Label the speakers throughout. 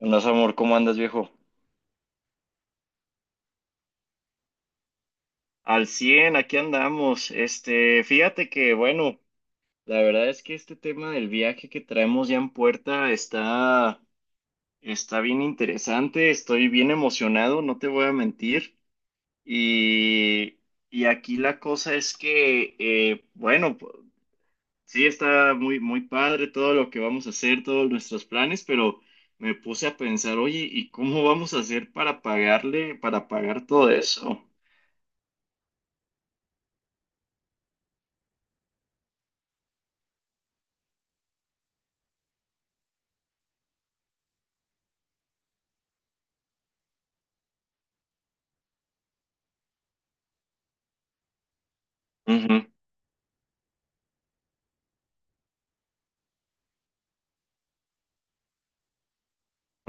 Speaker 1: Andas, amor, ¿cómo andas, viejo? Al 100 aquí andamos. Fíjate que, bueno, la verdad es que este tema del viaje que traemos ya en puerta está bien interesante. Estoy bien emocionado, no te voy a mentir. Y, y aquí la cosa es que, bueno, sí está muy, muy padre todo lo que vamos a hacer, todos nuestros planes, pero me puse a pensar, oye, ¿y cómo vamos a hacer para pagarle, para pagar todo eso?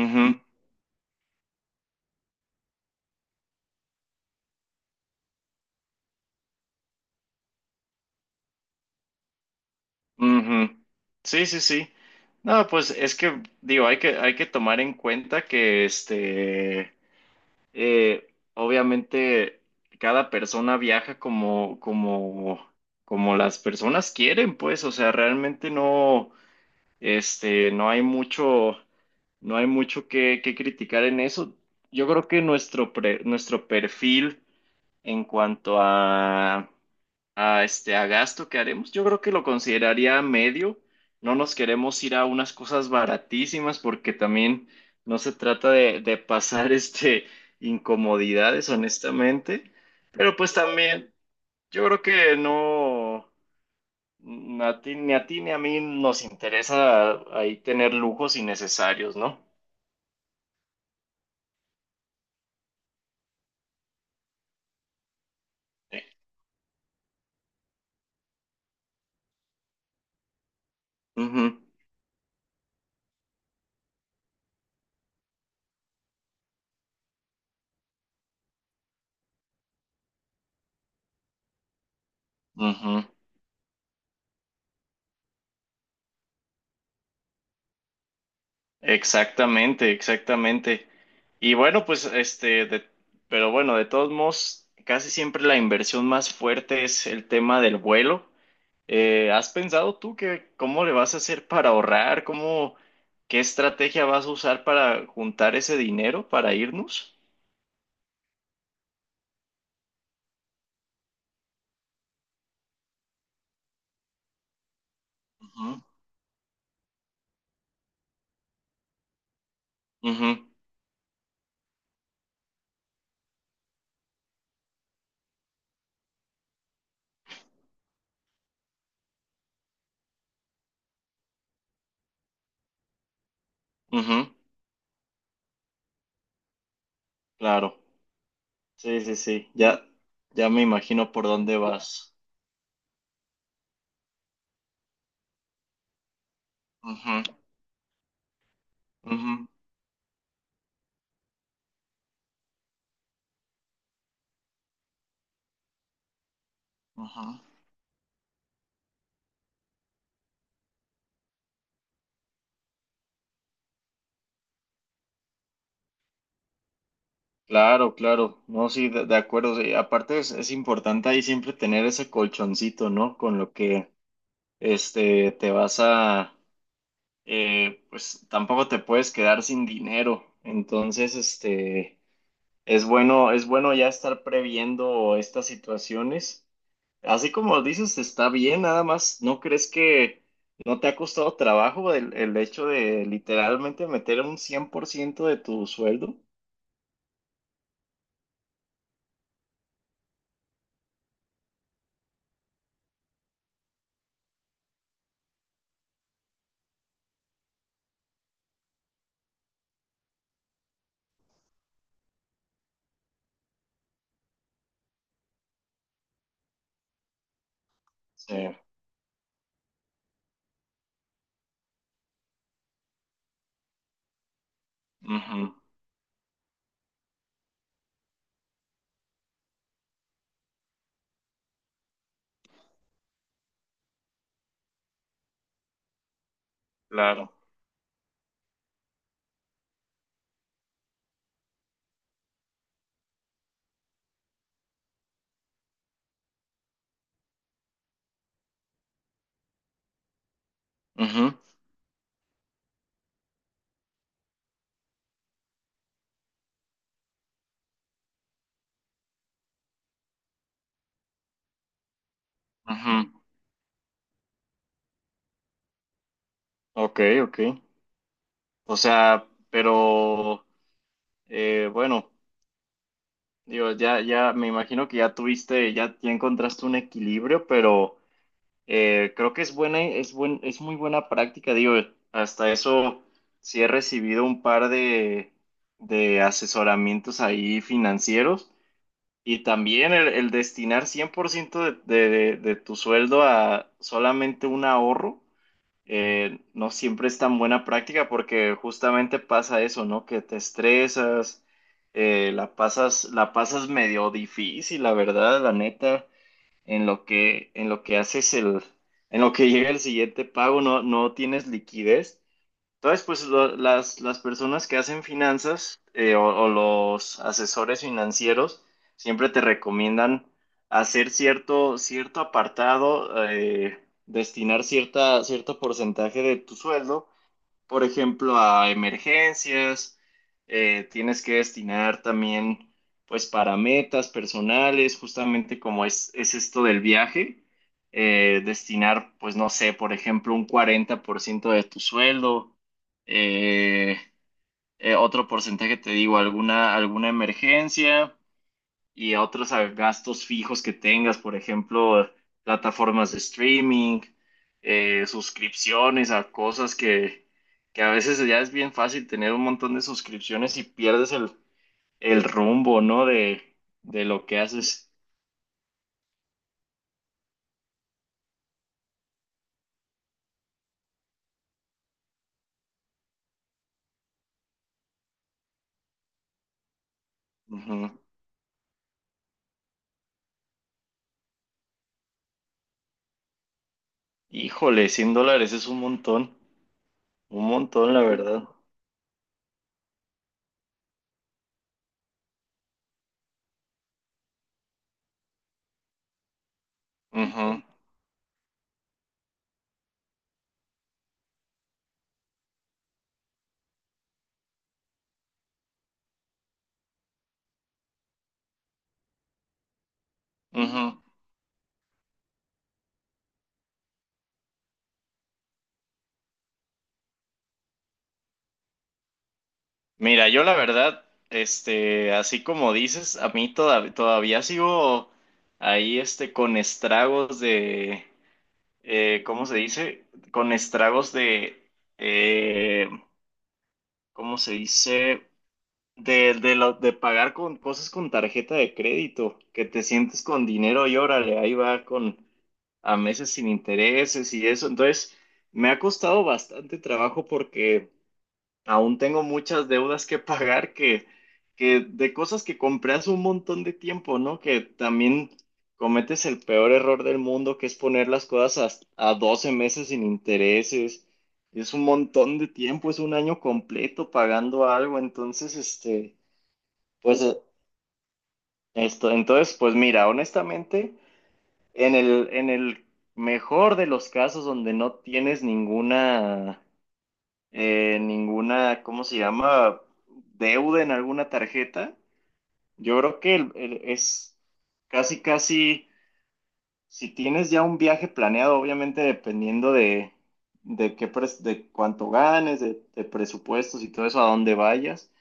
Speaker 1: Ujú, ujú. Sí, sí, sí. No, pues es que digo, hay que tomar en cuenta que obviamente cada persona viaja como las personas quieren, pues. O sea, realmente no, este, no hay mucho, no hay mucho que criticar en eso. Yo creo que nuestro perfil en cuanto a a gasto que haremos, yo creo que lo consideraría medio. No nos queremos ir a unas cosas baratísimas porque también no se trata de pasar incomodidades, honestamente. Pero pues también, yo creo que no, ni a ti ni a mí nos interesa ahí tener lujos innecesarios, ¿no? Sí. Ujú, ujú. Exactamente, exactamente. Y bueno, pues pero bueno, de todos modos, casi siempre la inversión más fuerte es el tema del vuelo. ¿Has pensado tú que cómo le vas a hacer para ahorrar? ¿Qué estrategia vas a usar para juntar ese dinero para irnos? Ujú, ujú, ujú, claro. Sí, sí, sí. Ya, ya me imagino por dónde vas. Ujú, ujú, ujú. Claro, claro, no, sí, de acuerdo, sí. Aparte es importante ahí siempre tener ese colchoncito, ¿no? Con lo que, este, te vas a, pues tampoco te puedes quedar sin dinero, entonces, es bueno ya estar previendo estas situaciones, así como dices, está bien, nada más, ¿no crees que no te ha costado trabajo el hecho de literalmente meter un 100% de tu sueldo? Sí, ujú, claro. Ujú, ujú. Ok, ok. O sea, pero bueno, digo, ya, ya me imagino que ya tuviste, ya encontraste un equilibrio, pero creo que es muy buena práctica, digo, hasta eso sí he recibido un par de asesoramientos ahí financieros y también el destinar 100% de tu sueldo a solamente un ahorro. No siempre es tan buena práctica porque justamente pasa eso, ¿no? Que te estresas, la pasas medio difícil, la verdad, la neta, en lo que, en lo que haces el, en lo que llega el siguiente pago, no, no tienes liquidez. Entonces, pues las personas que hacen finanzas o los asesores financieros siempre te recomiendan hacer cierto apartado, destinar cierta, cierto porcentaje de tu sueldo por ejemplo, a emergencias, tienes que destinar también, pues, para metas personales, justamente como es esto del viaje, destinar, pues, no sé, por ejemplo, un 40% de tu sueldo, eh, otro porcentaje, te digo, alguna emergencia y a otros a gastos fijos que tengas, por ejemplo, plataformas de streaming, suscripciones a cosas que a veces ya es bien fácil tener un montón de suscripciones y pierdes el rumbo, ¿no? De lo que haces. Ujú. Híjole, $100 es un montón, la verdad. Ujú, ujú. Mira, yo la verdad, así como dices, a mí todavía sigo ahí, con estragos ¿cómo se dice? Con estragos eh, ¿cómo se dice? De pagar con cosas con tarjeta de crédito, que te sientes con dinero y órale, ahí va con a meses sin intereses y eso. Entonces, me ha costado bastante trabajo porque aún tengo muchas deudas que pagar que de cosas que compré hace un montón de tiempo, ¿no? Que también cometes el peor error del mundo, que es poner las cosas a 12 meses sin intereses. Es un montón de tiempo, es un año completo pagando algo. Pues eh, entonces, pues mira, honestamente, en el mejor de los casos donde no tienes ninguna, ¿cómo se llama? Deuda en alguna tarjeta. Yo creo que es casi, casi, si tienes ya un viaje planeado, obviamente dependiendo de cuánto ganes, de presupuestos y todo eso, a dónde vayas.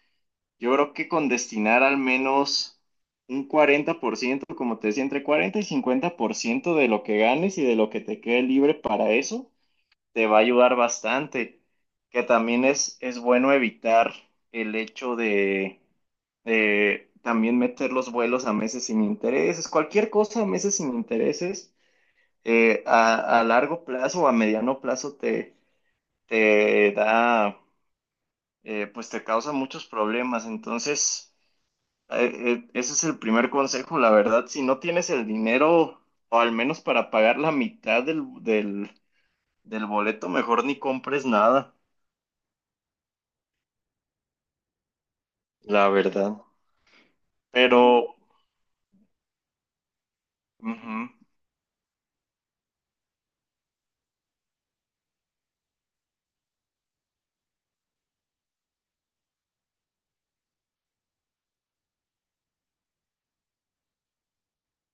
Speaker 1: Yo creo que con destinar al menos un 40% como te decía, entre 40 y 50% de lo que ganes y de lo que te quede libre para eso te va a ayudar bastante, que también es bueno evitar el hecho de también meter los vuelos a meses sin intereses, cualquier cosa a meses sin intereses, a largo plazo o a mediano plazo te da, pues te causa muchos problemas, entonces eh, ese es el primer consejo, la verdad, si no tienes el dinero o al menos para pagar la mitad del boleto, mejor ni compres nada. La verdad. Pero, ujú,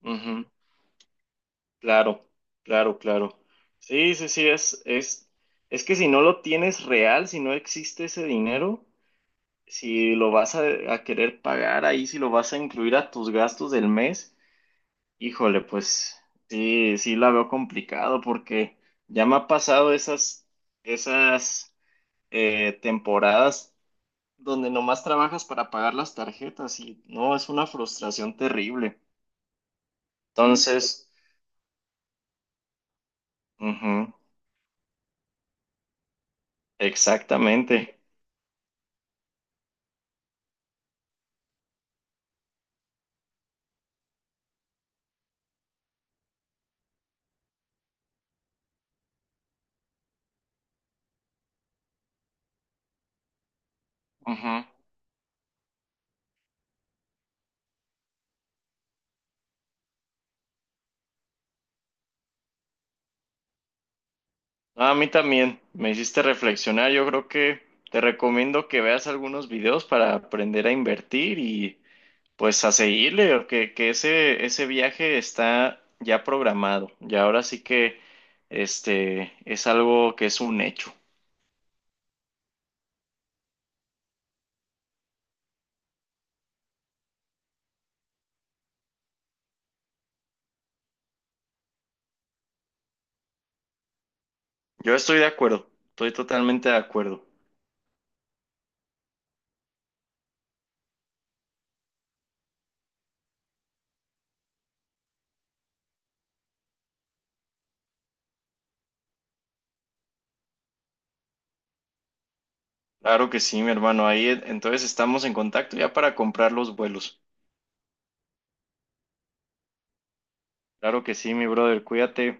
Speaker 1: ujú, claro, claro, claro. Sí, sí, sí, es que si no lo tienes real, si no existe ese dinero, si lo vas a querer pagar ahí, si lo vas a incluir a tus gastos del mes, híjole, pues sí, sí la veo complicado porque ya me ha pasado esas temporadas donde nomás trabajas para pagar las tarjetas y no, es una frustración terrible. Entonces, ujú, exactamente. Ujú. No, a mí también me hiciste reflexionar. Yo creo que te recomiendo que veas algunos videos para aprender a invertir y pues a seguirle, o que ese viaje está ya programado. Y ahora sí que este es algo que es un hecho. Yo estoy de acuerdo, estoy totalmente de acuerdo. Claro que sí, mi hermano. Ahí entonces estamos en contacto ya para comprar los vuelos. Claro que sí, mi brother. Cuídate.